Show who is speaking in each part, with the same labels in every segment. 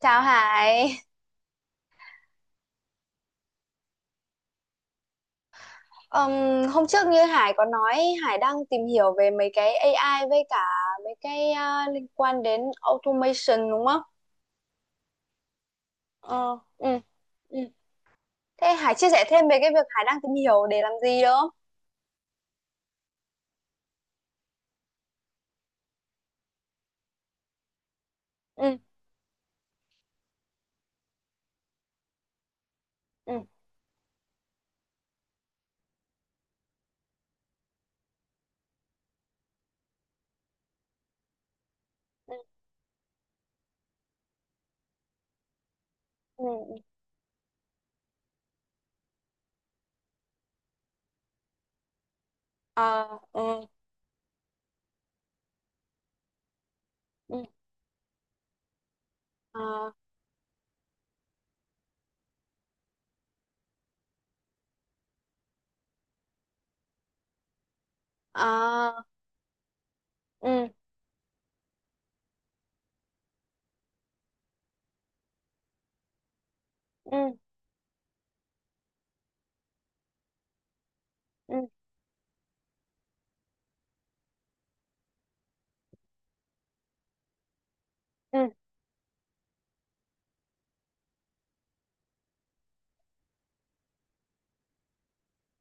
Speaker 1: Chào Hải. Ừm, Hôm trước như Hải có nói Hải đang tìm hiểu về mấy cái AI với cả mấy cái liên quan đến automation đúng không? Ờ, ừ, ừ. Thế Hải chia sẻ thêm về cái việc Hải đang tìm hiểu để làm gì được không? Ừ, ừ, ừ, ừ, ừ. Ờ, ừ, ừ, ờ, ờ, ừ, ừ, ừ, ừ,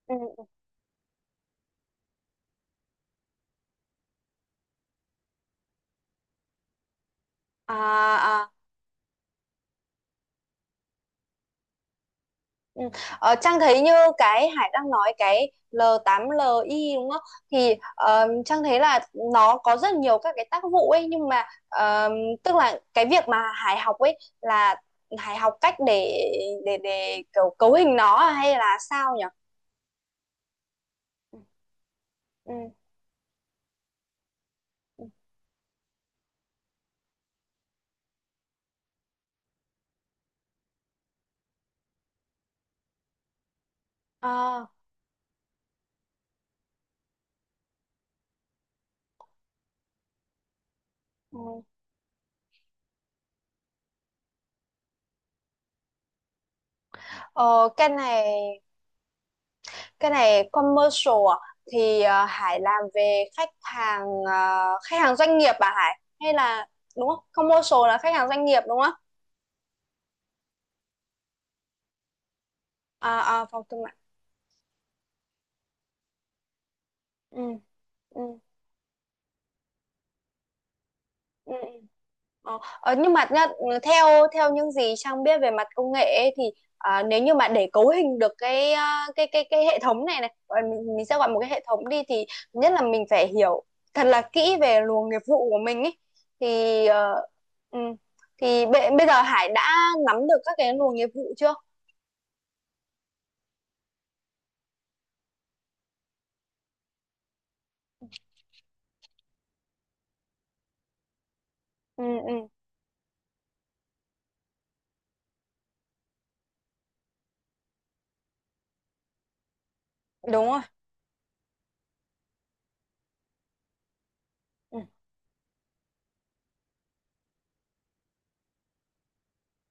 Speaker 1: ừ, ừ. À. Ừ. Ờ, Trang thấy như cái Hải đang nói cái L8LI đúng không? Thì Trang thấy là nó có rất nhiều các cái tác vụ ấy, nhưng mà tức là cái việc mà Hải học ấy là Hải học cách để kiểu cấu hình nó, à, hay là sao nhỉ? Ừ. Ừ. Ừ. Ờ, ừ. Ờ, cái này, commercial à? Thì Hải làm về khách hàng, khách hàng doanh nghiệp à Hải, hay là đúng không, commercial là khách hàng doanh nghiệp đúng không? À, à, phòng thương mại. Ừ, ừ, ừ, ừ. Nhưng mà nhá, ừ, theo theo những gì Trang biết về mặt công nghệ ấy, thì à, nếu như mà để cấu hình được cái, à, cái hệ thống này, này gọi mình sẽ gọi một cái hệ thống đi, thì thứ nhất là mình phải hiểu thật là kỹ về luồng nghiệp vụ của mình ấy, thì ừ, thì bây giờ Hải đã nắm được các cái luồng nghiệp vụ chưa? Ừ, ừ, đúng rồi. Ừ,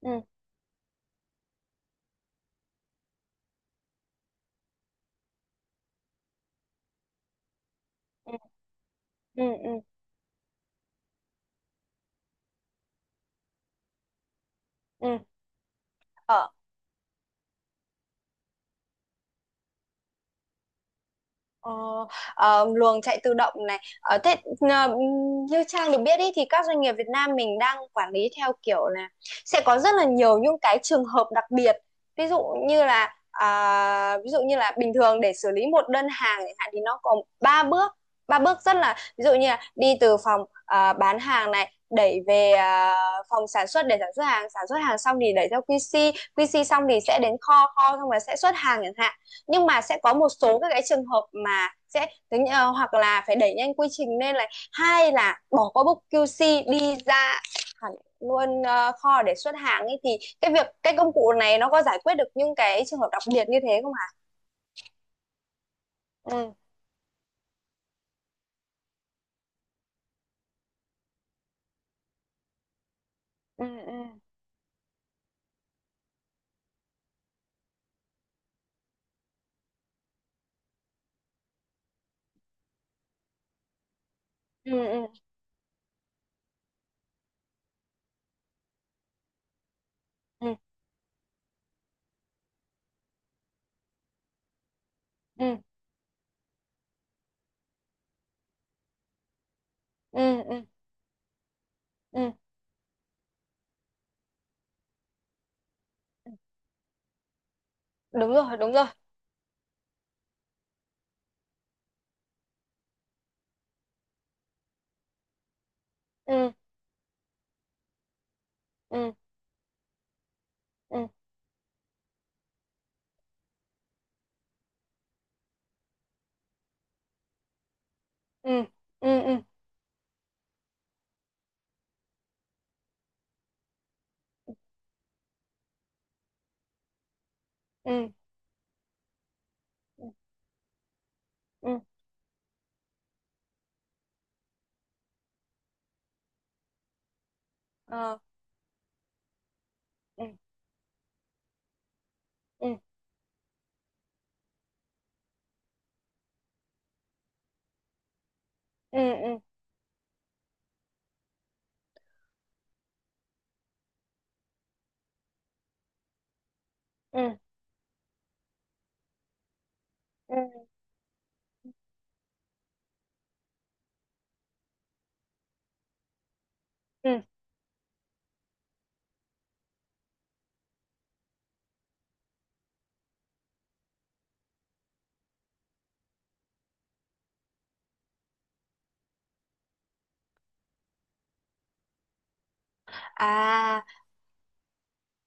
Speaker 1: ừ, ừ, ừ, ừ, ừ. Ờ. Ờ, luồng chạy tự động này. Ờ, thế ờ, như Trang được biết ý, thì các doanh nghiệp Việt Nam mình đang quản lý theo kiểu là sẽ có rất là nhiều những cái trường hợp đặc biệt. Ví dụ như là, à, ví dụ như là bình thường để xử lý một đơn hàng chẳng hạn thì nó có ba bước, rất là, ví dụ như là đi từ phòng, à, bán hàng này đẩy về, à, phòng sản xuất để sản xuất hàng, sản xuất hàng xong thì đẩy theo quy QC xong thì sẽ đến kho, xong rồi sẽ xuất hàng chẳng hạn. Nhưng mà sẽ có một số các cái trường hợp mà sẽ tính hoặc là phải đẩy nhanh quy trình, nên là hay là bỏ qua book QC đi ra hẳn luôn kho để xuất hàng ấy, thì cái việc, cái công cụ này nó có giải quyết được những cái trường hợp đặc biệt như thế không hả? Ừ, ừ, ừ, ừ, ừ, ừ, ừ, ừ, ừ, ừ. Đúng rồi, đúng rồi. Ừ, ừ, ừ, ừ, ừ, ừ, ừ, ừ, ừ, ờ, ừ, ừ, ừ, ừ, ừ, ừ, ừ. À.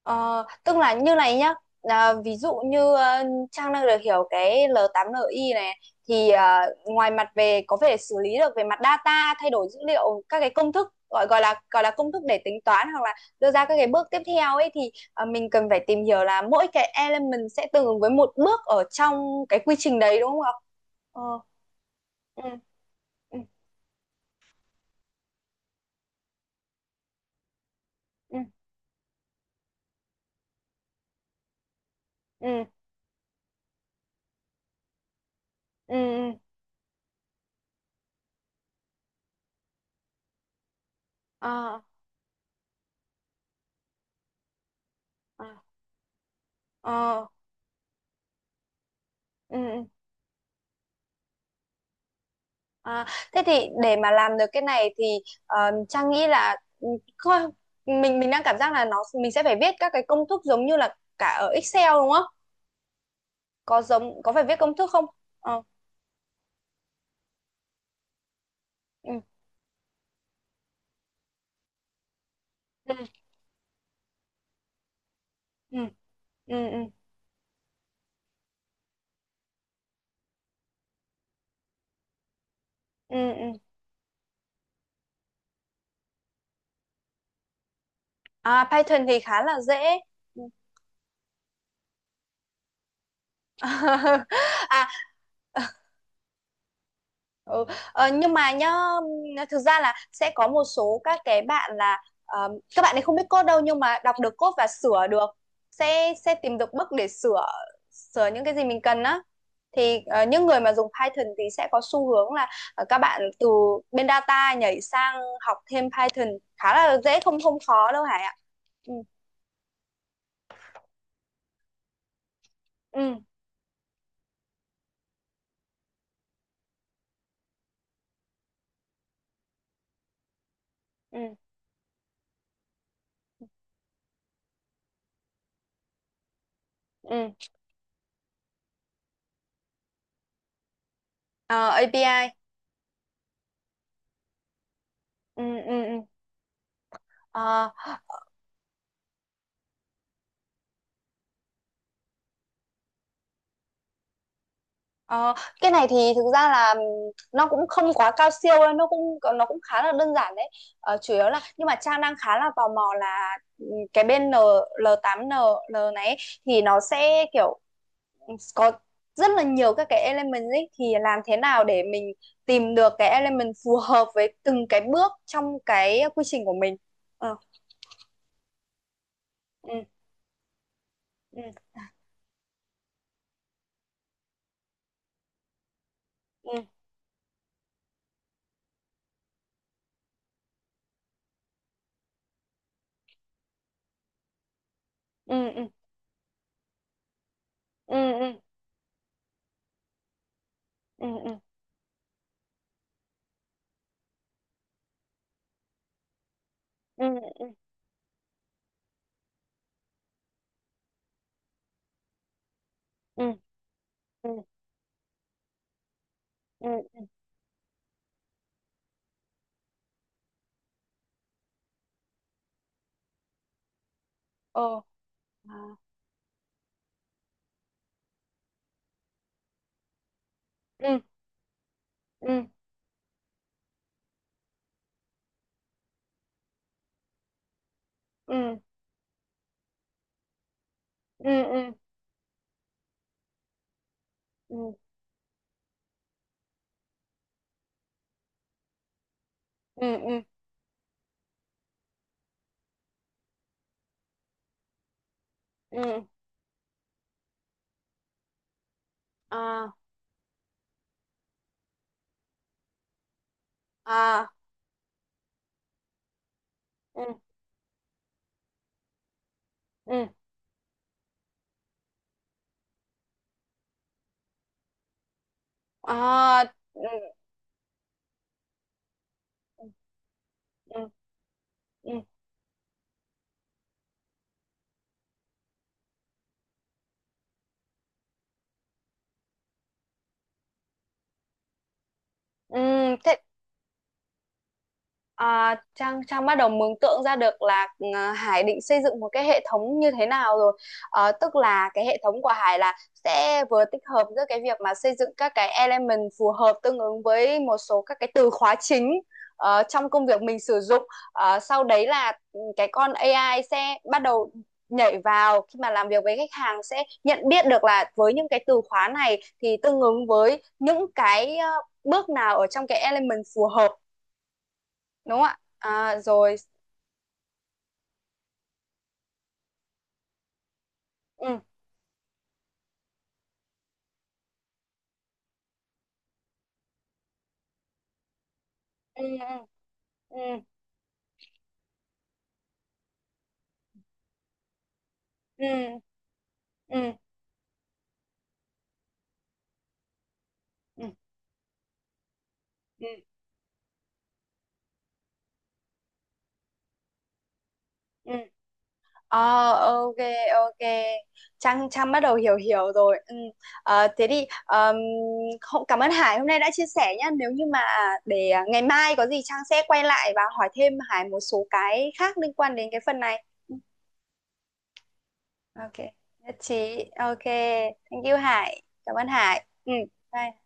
Speaker 1: Ờ, tức là như này nhá, à, ví dụ như Trang đang được hiểu cái L8NI này thì ngoài mặt về có thể xử lý được về mặt data, thay đổi dữ liệu các cái công thức, gọi gọi là công thức để tính toán hoặc là đưa ra các cái bước tiếp theo ấy, thì mình cần phải tìm hiểu là mỗi cái element sẽ tương ứng với một bước ở trong cái quy trình đấy đúng không ạ? Ờ, ừ, ừ, ừ, ừ, ừ, ừ, ờ, ờ, ờ, ừ, ừ. À, thế thì để mà làm được cái này thì Trang nghĩ là, ừ, coi- mình, đang cảm giác là nó, mình sẽ phải viết các cái công thức giống như là cả ở Excel đúng không? Có giống, có phải viết công thức không? Ờ, ừ, ừ, ừ, ừ, ừ, ừ, ừ. À, Python thì khá là dễ. Ừ. À. Ừ. Ờ, nhưng mà nhá, thực ra là sẽ có một số các cái bạn là, các bạn ấy không biết code đâu nhưng mà đọc được code và sửa được, sẽ tìm được bug để sửa, những cái gì mình cần á, thì những người mà dùng Python thì sẽ có xu hướng là các bạn từ bên data nhảy sang học thêm Python, khá là dễ, không, không khó đâu Hải ạ. Ừ, ừ, ừ, ừ. Ờ, API. Ừ, ừ, ừ. Ờ, cái này thì thực ra là nó cũng không quá cao siêu đâu, nó cũng, khá là đơn giản đấy. Ờ, chủ yếu là, nhưng mà Trang đang khá là tò mò là, cái bên N, l tám n l này ấy, thì nó sẽ kiểu có rất là nhiều các cái element ấy, thì làm thế nào để mình tìm được cái element phù hợp với từng cái bước trong cái quy trình của mình. Ờ, ừ, ừ, ừ, ừ, ừ, ừ, ừ, ừ, ừ, ừ, ừ, ừ, ừ, ừ, ừ, ừ, ừ, ừ, ừ, ừ, ừ, ừ, ừ, ừ, ừ, ừ, ừ, ừ, à, à, ừ, ừ, à, ừ, ừ, ừ, ừ, ừ. À, Trang Trang bắt đầu mường tượng ra được là Hải định xây dựng một cái hệ thống như thế nào rồi. Ờ, tức là cái hệ thống của Hải là sẽ vừa tích hợp giữa cái việc mà xây dựng các cái element phù hợp tương ứng với một số các cái từ khóa chính trong công việc mình sử dụng. Ờ, sau đấy là, ừ, cái con AI sẽ bắt đầu nhảy vào khi mà làm việc với khách hàng, sẽ nhận biết được là với những cái từ khóa này thì tương ứng với những cái bước nào ở trong cái element phù hợp, đúng không ạ? À, rồi. Ừ, ừ, ừ, ừ, ừ, ừ, ừ, ừ, ừ. Ờ, ok, ok, Trang Trang bắt đầu hiểu, rồi. Ừ. Ờ, thế thì, không, cảm ơn Hải hôm nay đã chia sẻ nhá, nếu như mà để à, ngày mai có gì Trang sẽ quay lại và hỏi thêm Hải một số cái khác liên quan đến cái phần này. Ừ, ok, nhất trí, ok, thank you Hải, cảm ơn Hải. Ừ, bye.